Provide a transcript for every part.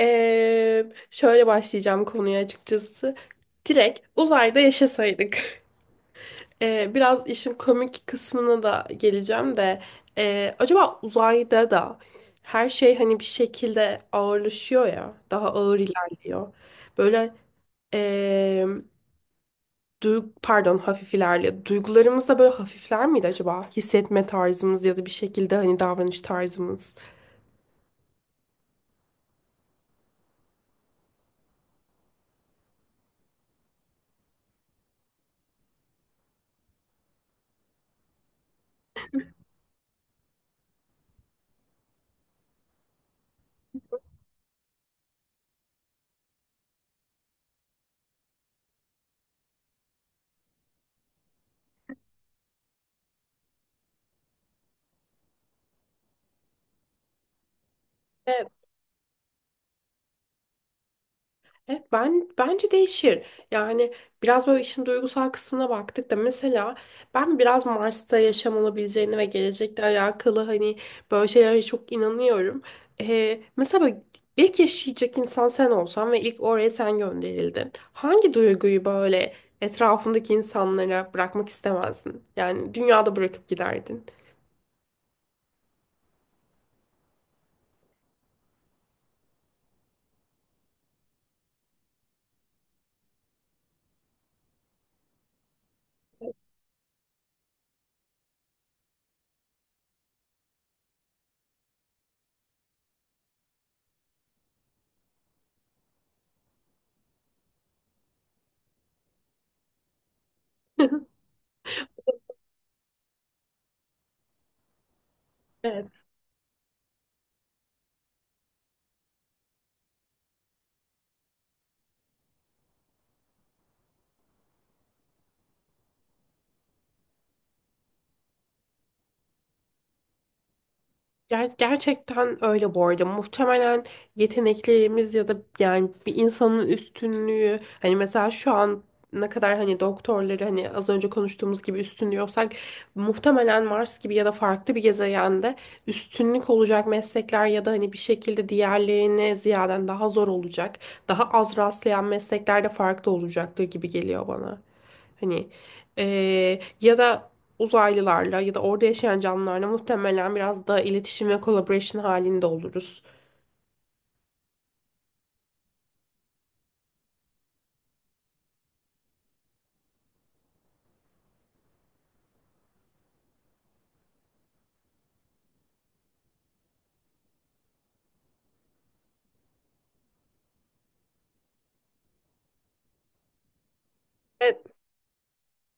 Şöyle başlayacağım konuya açıkçası. Direkt uzayda yaşasaydık. Biraz işin komik kısmına da geleceğim de. Acaba uzayda da her şey hani bir şekilde ağırlaşıyor ya. Daha ağır ilerliyor. Böyle ee, pardon, hafif ilerliyor. Duygularımız da böyle hafifler miydi acaba? Hissetme tarzımız ya da bir şekilde hani davranış tarzımız. Evet. Evet, ben bence değişir. Yani biraz böyle işin duygusal kısmına baktık da mesela ben biraz Mars'ta yaşam olabileceğini ve gelecekle alakalı hani böyle şeylere çok inanıyorum. Mesela böyle ilk yaşayacak insan sen olsan ve ilk oraya sen gönderildin. Hangi duyguyu böyle etrafındaki insanlara bırakmak istemezdin? Yani dünyada bırakıp giderdin. Evet. Gerçekten öyle bu arada. Muhtemelen yeteneklerimiz ya da yani bir insanın üstünlüğü hani mesela şu an ne kadar hani doktorları hani az önce konuştuğumuz gibi üstünlüyorsak muhtemelen Mars gibi ya da farklı bir gezegende üstünlük olacak meslekler ya da hani bir şekilde diğerlerine ziyaden daha zor olacak, daha az rastlayan meslekler de farklı olacaktır gibi geliyor bana. Hani ya da uzaylılarla ya da orada yaşayan canlılarla muhtemelen biraz daha iletişim ve collaboration halinde oluruz. Evet.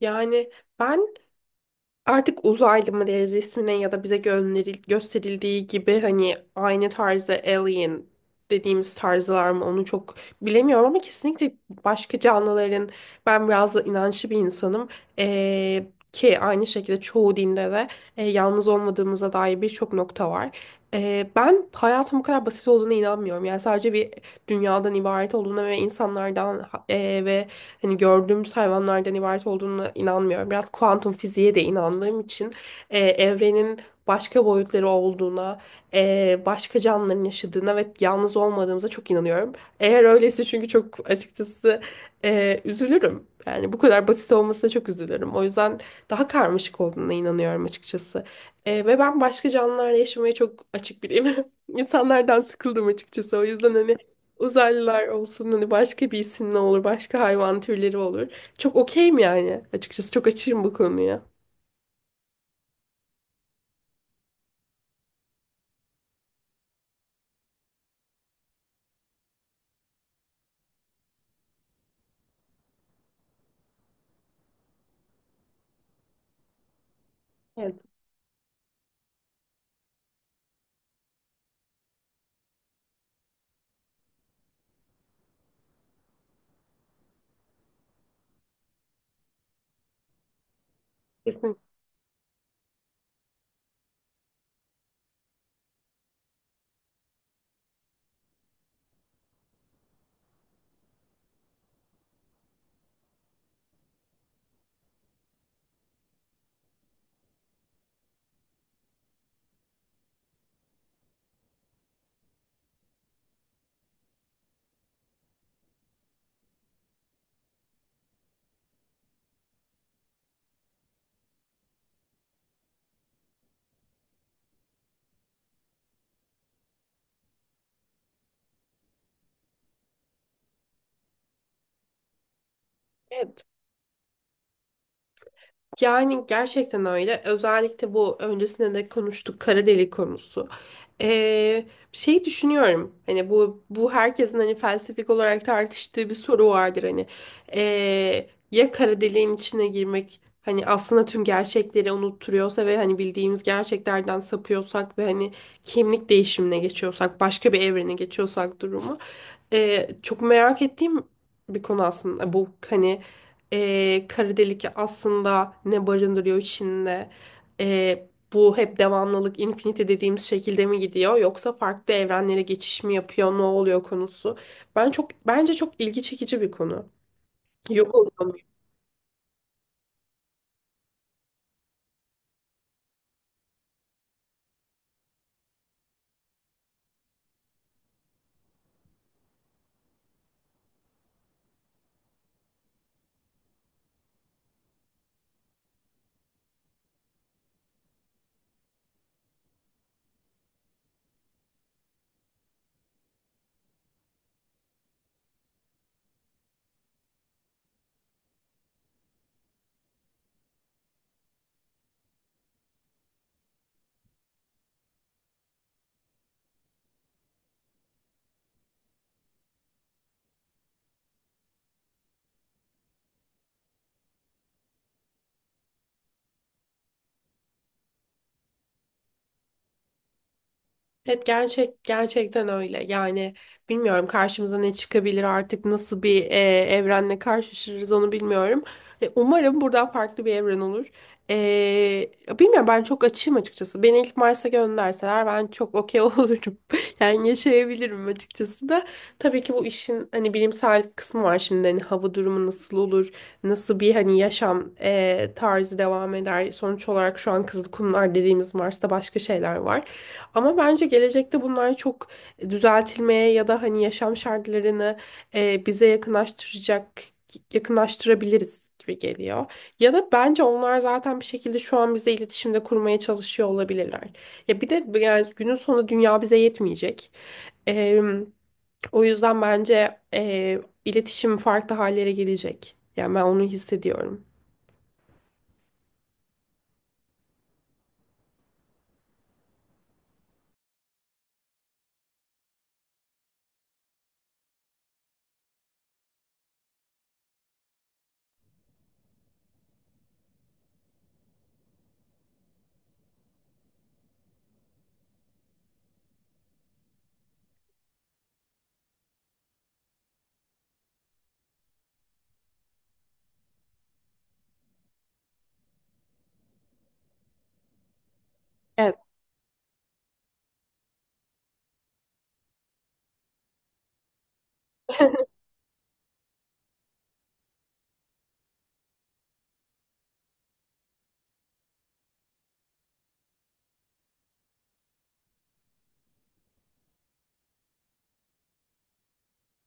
Yani ben artık uzaylı mı deriz ismine ya da bize gösterildiği gibi hani aynı tarzda alien dediğimiz tarzlar mı onu çok bilemiyorum ama kesinlikle başka canlıların, ben biraz da inançlı bir insanım, Ee, ki aynı şekilde çoğu dinde de yalnız olmadığımıza dair birçok nokta var. Ben hayatın bu kadar basit olduğuna inanmıyorum. Yani sadece bir dünyadan ibaret olduğuna ve insanlardan ve hani gördüğümüz hayvanlardan ibaret olduğuna inanmıyorum. Biraz kuantum fiziğe de inandığım için evrenin başka boyutları olduğuna, başka canlıların yaşadığına ve yalnız olmadığımıza çok inanıyorum. Eğer öyleyse çünkü çok açıkçası üzülürüm. Yani bu kadar basit olmasına çok üzülürüm. O yüzden daha karmaşık olduğuna inanıyorum açıkçası. Ve ben başka canlılarla yaşamaya çok açık biriyim. İnsanlardan sıkıldım açıkçası. O yüzden hani uzaylılar olsun, hani başka bir isim ne olur, başka hayvan türleri olur. Çok okeyim yani, açıkçası çok açığım bu konuya. Evet. Kesin. Evet, yani gerçekten öyle. Özellikle bu öncesinde de konuştuk kara delik konusu. Ee, şey düşünüyorum. Hani bu herkesin hani felsefik olarak tartıştığı bir soru vardır hani. Ya kara deliğin içine girmek hani aslında tüm gerçekleri unutturuyorsa ve hani bildiğimiz gerçeklerden sapıyorsak ve hani kimlik değişimine geçiyorsak, başka bir evrene geçiyorsak durumu. Çok merak ettiğim bir konu aslında bu hani, kara delik aslında ne barındırıyor içinde? Bu hep devamlılık, infinity dediğimiz şekilde mi gidiyor yoksa farklı evrenlere geçiş mi yapıyor, ne oluyor konusu. Ben çok, bence çok ilgi çekici bir konu. Yok oluyor. Evet, gerçekten öyle. Yani bilmiyorum karşımıza ne çıkabilir artık, nasıl bir evrenle karşılaşırız onu bilmiyorum. Umarım buradan farklı bir evren olur. Bilmiyorum, ben çok açığım açıkçası. Beni ilk Mars'a gönderseler ben çok okey olurum. Yani yaşayabilirim açıkçası da. Tabii ki bu işin hani bilimsel kısmı var şimdi. Hani hava durumu nasıl olur? Nasıl bir hani yaşam tarzı devam eder? Sonuç olarak şu an Kızılkumlar dediğimiz Mars'ta başka şeyler var. Ama bence gelecekte bunlar çok düzeltilmeye ya da hani yaşam şartlarını bize yakınlaştıracak yakınlaştırabiliriz gibi geliyor. Ya da bence onlar zaten bir şekilde şu an bize iletişimde kurmaya çalışıyor olabilirler. Ya bir de yani günün sonunda dünya bize yetmeyecek. E, O yüzden bence iletişim farklı hallere gelecek. Yani ben onu hissediyorum. Evet.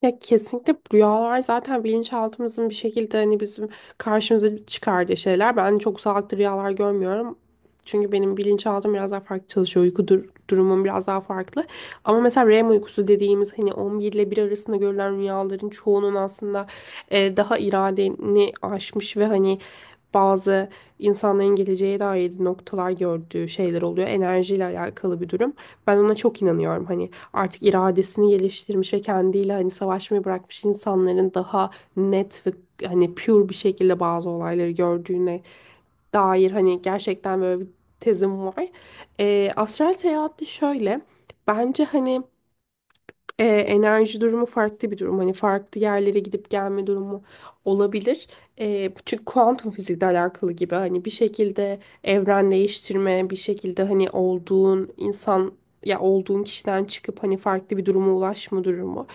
Ya kesinlikle rüyalar zaten bilinçaltımızın bir şekilde hani bizim karşımıza çıkardığı şeyler. Ben çok sağlıklı rüyalar görmüyorum. Çünkü benim bilinçaltım biraz daha farklı çalışıyor. Uyku durumum biraz daha farklı. Ama mesela REM uykusu dediğimiz hani 11 ile 1 arasında görülen rüyaların çoğunun aslında daha iradeni aşmış ve hani bazı insanların geleceğe dair noktalar gördüğü şeyler oluyor. Enerjiyle alakalı bir durum. Ben ona çok inanıyorum. Hani artık iradesini geliştirmiş ve kendiyle hani savaşmayı bırakmış insanların daha net ve hani pure bir şekilde bazı olayları gördüğüne dair hani gerçekten böyle bir tezim var. Astral seyahat de şöyle. Bence hani enerji durumu farklı bir durum. Hani farklı yerlere gidip gelme durumu olabilir. Çünkü kuantum fizikle alakalı gibi hani bir şekilde evren değiştirme, bir şekilde hani olduğun insan ya olduğun kişiden çıkıp hani farklı bir duruma ulaşma durumu.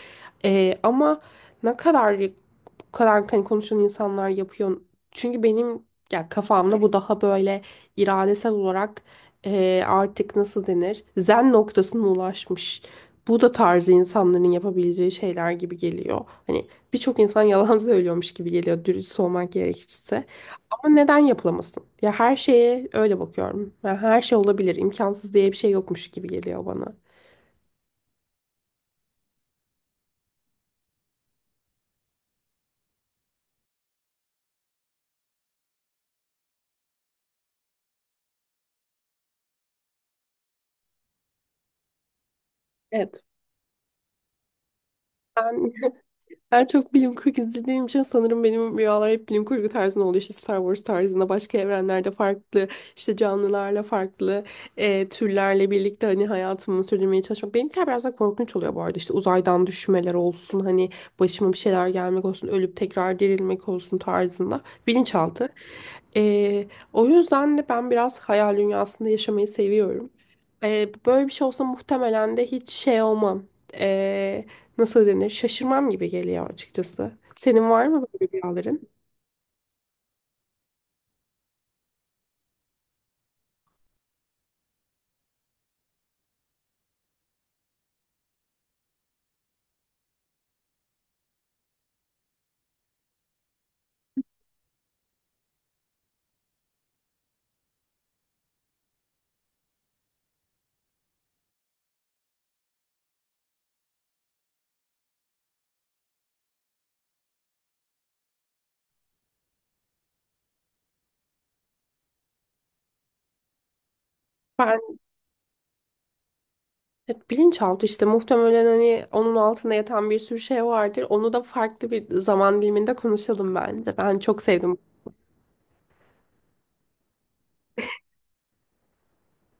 Ama ne kadar bu kadar hani konuşan insanlar yapıyor. Çünkü benim, ya kafamda bu daha böyle iradesel olarak artık nasıl denir? Zen noktasına ulaşmış. Bu da tarzı insanların yapabileceği şeyler gibi geliyor. Hani birçok insan yalan söylüyormuş gibi geliyor dürüst olmak gerekirse. Ama neden yapılamasın? Ya her şeye öyle bakıyorum. Ya her şey olabilir, imkansız diye bir şey yokmuş gibi geliyor bana. Evet. Ben Ben çok bilim kurgu izlediğim için sanırım benim rüyalar hep bilim kurgu tarzında oluyor. İşte Star Wars tarzında, başka evrenlerde farklı, işte canlılarla farklı türlerle birlikte hani hayatımı sürdürmeye çalışmak. Benimkiler biraz daha korkunç oluyor bu arada. İşte uzaydan düşmeler olsun, hani başıma bir şeyler gelmek olsun, ölüp tekrar dirilmek olsun tarzında. Bilinçaltı. E, O yüzden de ben biraz hayal dünyasında yaşamayı seviyorum. Böyle bir şey olsa muhtemelen de hiç şey olmam. E, nasıl denir, şaşırmam gibi geliyor açıkçası. Senin var mı böyle rüyaların? Ben evet, bilinçaltı işte muhtemelen hani onun altında yatan bir sürü şey vardır. Onu da farklı bir zaman diliminde konuşalım bence. Ben çok sevdim.